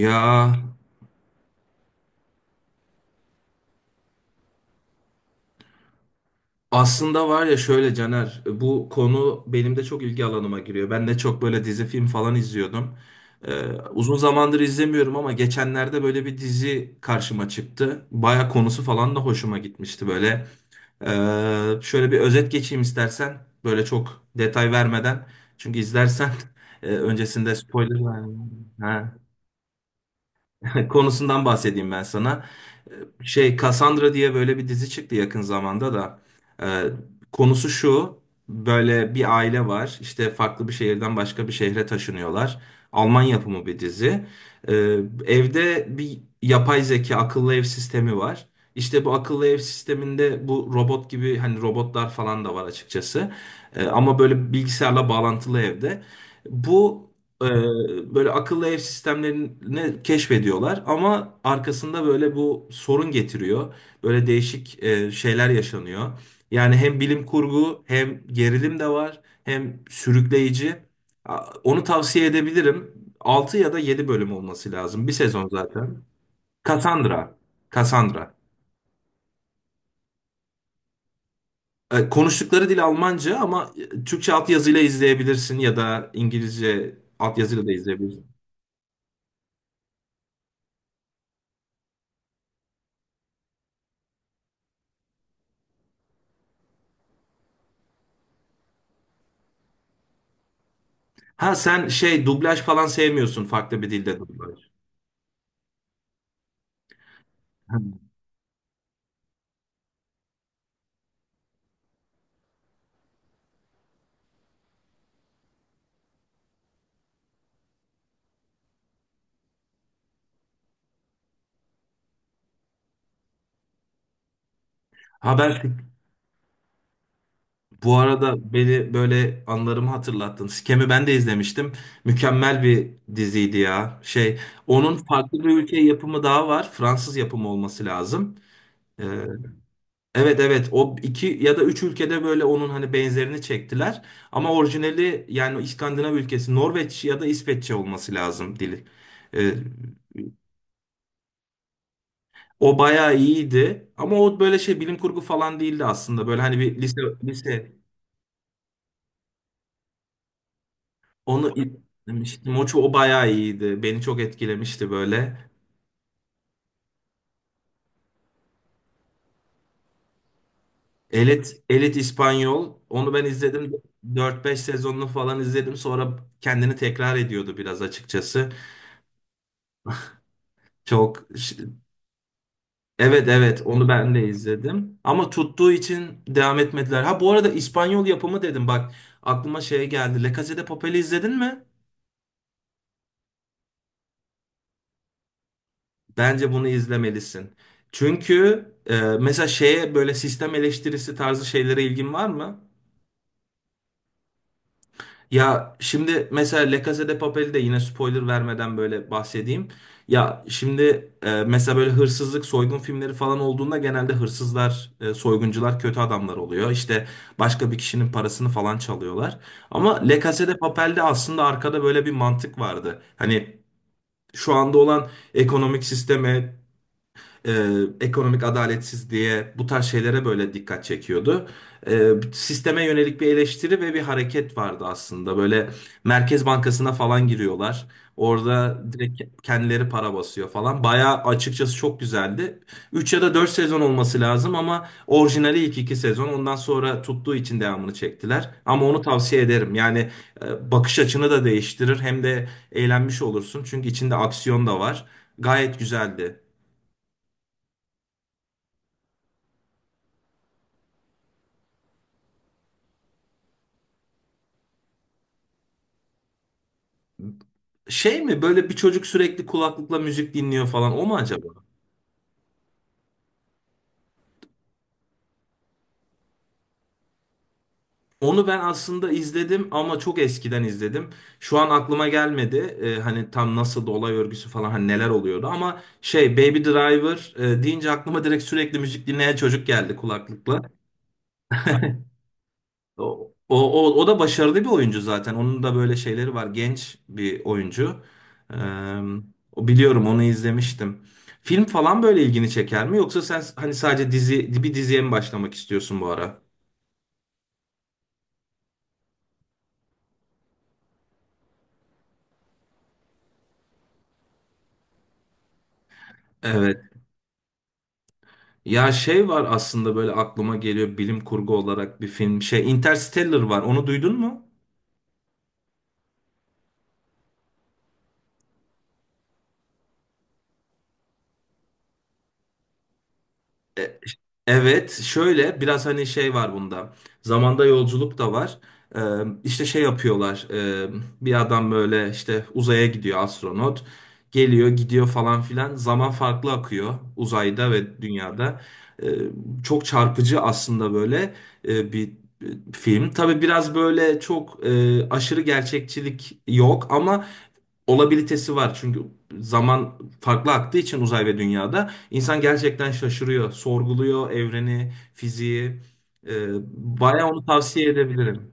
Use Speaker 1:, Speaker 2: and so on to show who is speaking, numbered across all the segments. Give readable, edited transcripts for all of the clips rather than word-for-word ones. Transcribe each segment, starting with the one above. Speaker 1: Ya aslında var ya şöyle Caner, bu konu benim de çok ilgi alanıma giriyor. Ben de çok böyle dizi film falan izliyordum. Ee, Uzun zamandır izlemiyorum ama geçenlerde böyle bir dizi karşıma çıktı. Baya konusu falan da hoşuma gitmişti böyle. Şöyle bir özet geçeyim istersen. Böyle çok detay vermeden. Çünkü izlersen öncesinde spoiler vermem. Konusundan bahsedeyim ben sana. Şey Cassandra diye böyle bir dizi çıktı yakın zamanda da. Ee, Konusu şu. Böyle bir aile var. İşte farklı bir şehirden başka bir şehre taşınıyorlar. Alman yapımı bir dizi. Ee, Evde bir yapay zeka akıllı ev sistemi var. İşte bu akıllı ev sisteminde bu robot gibi hani robotlar falan da var açıkçası. Ama böyle bilgisayarla bağlantılı evde. Bu böyle akıllı ev sistemlerini keşfediyorlar ama arkasında böyle bu sorun getiriyor. Böyle değişik şeyler yaşanıyor. Yani hem bilim kurgu hem gerilim de var hem sürükleyici. Onu tavsiye edebilirim. 6 ya da 7 bölüm olması lazım. Bir sezon zaten. Cassandra. Cassandra. Konuştukları dil Almanca ama Türkçe altyazıyla izleyebilirsin ya da İngilizce altyazıyla da izleyebilirsin. Ha sen şey dublaj falan sevmiyorsun, farklı bir dilde dublaj. Ha ben bu arada beni böyle anılarımı hatırlattın. Scam'i ben de izlemiştim. Mükemmel bir diziydi ya. Şey onun farklı bir ülke yapımı daha var. Fransız yapımı olması lazım. Ee, evet, evet o iki ya da üç ülkede böyle onun hani benzerini çektiler. Ama orijinali yani İskandinav ülkesi Norveç ya da İsveççe olması lazım dili. Ee, O bayağı iyiydi ama o böyle şey bilim kurgu falan değildi aslında. Böyle hani bir lise onu demiştim. O, o bayağı iyiydi. Beni çok etkilemişti böyle. Elit İspanyol, onu ben izledim. Dört beş sezonunu falan izledim. Sonra kendini tekrar ediyordu biraz açıkçası. Çok ş- evet, evet onu ben de izledim. Ama tuttuğu için devam etmediler. Ha bu arada İspanyol yapımı dedim bak, aklıma şey geldi. La Casa de Papel'i izledin mi? Bence bunu izlemelisin. Çünkü mesela şeye böyle sistem eleştirisi tarzı şeylere ilgin var mı? Ya şimdi mesela La Casa de Papel'i de yine spoiler vermeden böyle bahsedeyim. Ya şimdi mesela böyle hırsızlık, soygun filmleri falan olduğunda genelde hırsızlar, soyguncular kötü adamlar oluyor. İşte başka bir kişinin parasını falan çalıyorlar. Ama La Casa de Papel'de aslında arkada böyle bir mantık vardı. Hani şu anda olan ekonomik sisteme, e, ekonomik adaletsizliğe, bu tarz şeylere böyle dikkat çekiyordu. Sisteme yönelik bir eleştiri ve bir hareket vardı aslında. Böyle Merkez Bankası'na falan giriyorlar. Orada direkt kendileri para basıyor falan. Bayağı açıkçası çok güzeldi. 3 ya da 4 sezon olması lazım ama orijinali ilk 2 sezon. Ondan sonra tuttuğu için devamını çektiler. Ama onu tavsiye ederim. Yani bakış açını da değiştirir, hem de eğlenmiş olursun. Çünkü içinde aksiyon da var. Gayet güzeldi. Şey mi, böyle bir çocuk sürekli kulaklıkla müzik dinliyor falan, o mu acaba? Onu ben aslında izledim ama çok eskiden izledim. Şu an aklıma gelmedi. Hani tam nasıl da olay örgüsü falan, hani neler oluyordu, ama şey Baby Driver deyince aklıma direkt sürekli müzik dinleyen çocuk geldi kulaklıkla. O, o da başarılı bir oyuncu zaten. Onun da böyle şeyleri var. Genç bir oyuncu. Ee, O, biliyorum, onu izlemiştim. Film falan böyle ilgini çeker mi? Yoksa sen hani sadece dizi, bir diziye mi başlamak istiyorsun bu ara? Evet. Ya şey var aslında böyle aklıma geliyor, bilim kurgu olarak bir film. Şey Interstellar var. Onu duydun mu? Evet, şöyle biraz hani şey var bunda. Zamanda yolculuk da var. Ee, işte şey yapıyorlar. Bir adam böyle işte uzaya gidiyor, astronot. Geliyor, gidiyor falan filan. Zaman farklı akıyor uzayda ve dünyada. Ee, Çok çarpıcı aslında böyle bir film. Tabii biraz böyle çok aşırı gerçekçilik yok ama olabilitesi var. Çünkü zaman farklı aktığı için uzay ve dünyada. İnsan gerçekten şaşırıyor, sorguluyor evreni, fiziği. Ee, Bayağı onu tavsiye edebilirim.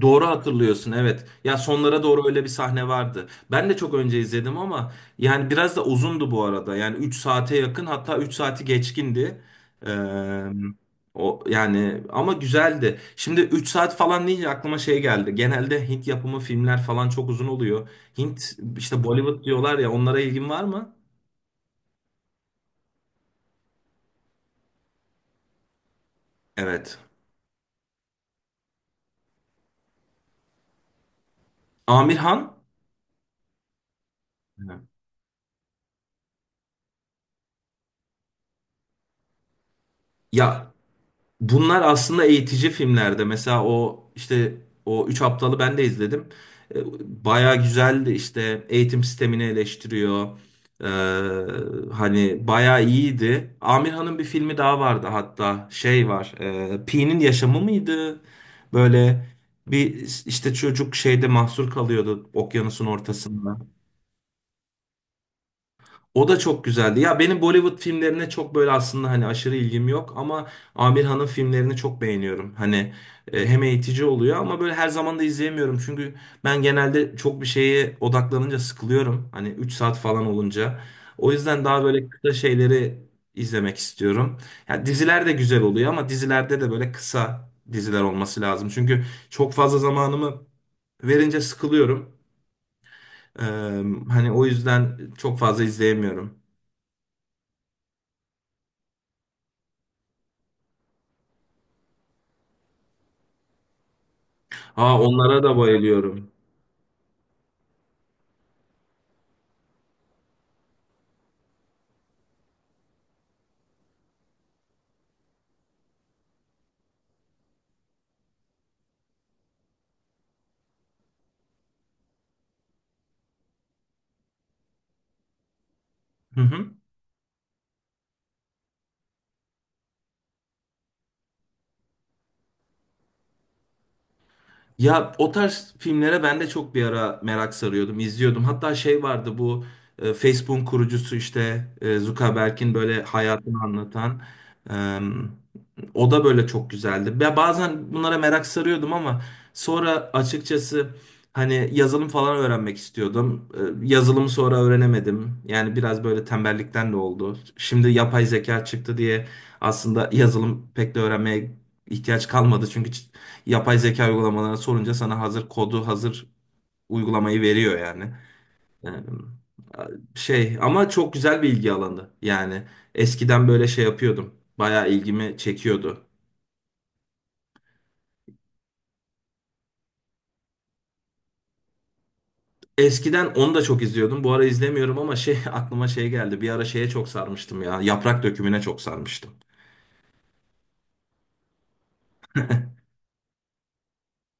Speaker 1: Doğru hatırlıyorsun, evet. Ya sonlara doğru öyle bir sahne vardı. Ben de çok önce izledim ama yani biraz da uzundu bu arada. Yani 3 saate yakın, hatta 3 saati geçkindi. Ee, O, yani, ama güzeldi. Şimdi 3 saat falan deyince aklıma şey geldi. Genelde Hint yapımı filmler falan çok uzun oluyor. Hint işte Bollywood diyorlar ya, onlara ilgin var mı? Evet. Amir Han? Ya bunlar aslında eğitici filmlerde. Mesela o işte o Üç Aptalı ben de izledim. Baya güzeldi, işte eğitim sistemini eleştiriyor. E, Hani baya iyiydi. Amirhan'ın bir filmi daha vardı hatta, şey var. Pi'nin yaşamı mıydı? Böyle bir işte çocuk şeyde mahsur kalıyordu okyanusun ortasında. O da çok güzeldi. Ya benim Bollywood filmlerine çok böyle aslında hani aşırı ilgim yok ama Amir Han'ın filmlerini çok beğeniyorum. Hani hem eğitici oluyor ama böyle her zaman da izleyemiyorum. Çünkü ben genelde çok bir şeye odaklanınca sıkılıyorum. Hani 3 saat falan olunca. O yüzden daha böyle kısa şeyleri izlemek istiyorum. Ya diziler de güzel oluyor ama dizilerde de böyle kısa diziler olması lazım. Çünkü çok fazla zamanımı verince sıkılıyorum. Ee, Hani o yüzden çok fazla izleyemiyorum. Aa, onlara da bayılıyorum. Hı hı. Ya o tarz filmlere ben de çok bir ara merak sarıyordum, izliyordum. Hatta şey vardı, bu Facebook'un kurucusu işte Zuckerberg'in böyle hayatını anlatan. e, O da böyle çok güzeldi. Ben bazen bunlara merak sarıyordum ama sonra açıkçası hani yazılım falan öğrenmek istiyordum. Yazılımı sonra öğrenemedim. Yani biraz böyle tembellikten de oldu. Şimdi yapay zeka çıktı diye aslında yazılım pek de öğrenmeye ihtiyaç kalmadı, çünkü yapay zeka uygulamalarına sorunca sana hazır kodu, hazır uygulamayı veriyor yani. Yani, şey, ama çok güzel bir ilgi alanı. Yani eskiden böyle şey yapıyordum. Bayağı ilgimi çekiyordu. Eskiden onu da çok izliyordum. Bu ara izlemiyorum ama şey, aklıma şey geldi. Bir ara şeye çok sarmıştım ya. Yaprak Dökümü'ne çok sarmıştım.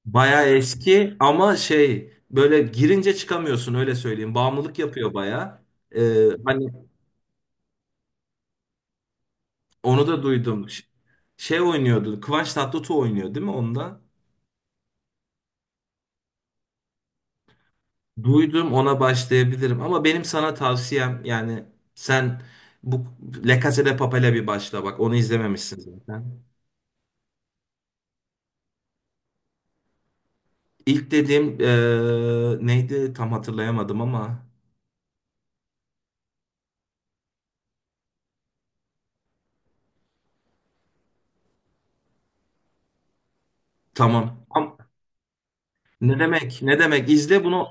Speaker 1: Bayağı eski ama şey, böyle girince çıkamıyorsun, öyle söyleyeyim. Bağımlılık yapıyor bayağı. Hani onu da duydum. Şey oynuyordu. Kıvanç Tatlıtuğ oynuyor değil mi onda? Duydum, ona başlayabilirim. Ama benim sana tavsiyem, yani sen bu La Casa de Papel'e bir başla bak. Onu izlememişsin zaten. İlk dediğim neydi tam hatırlayamadım ama, tamam. Ne demek, ne demek. İzle bunu,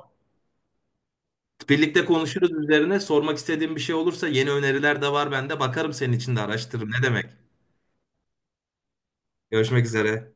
Speaker 1: birlikte konuşuruz üzerine. Sormak istediğim bir şey olursa, yeni öneriler de var bende. Bakarım, senin için de araştırırım. Ne demek? Görüşmek üzere.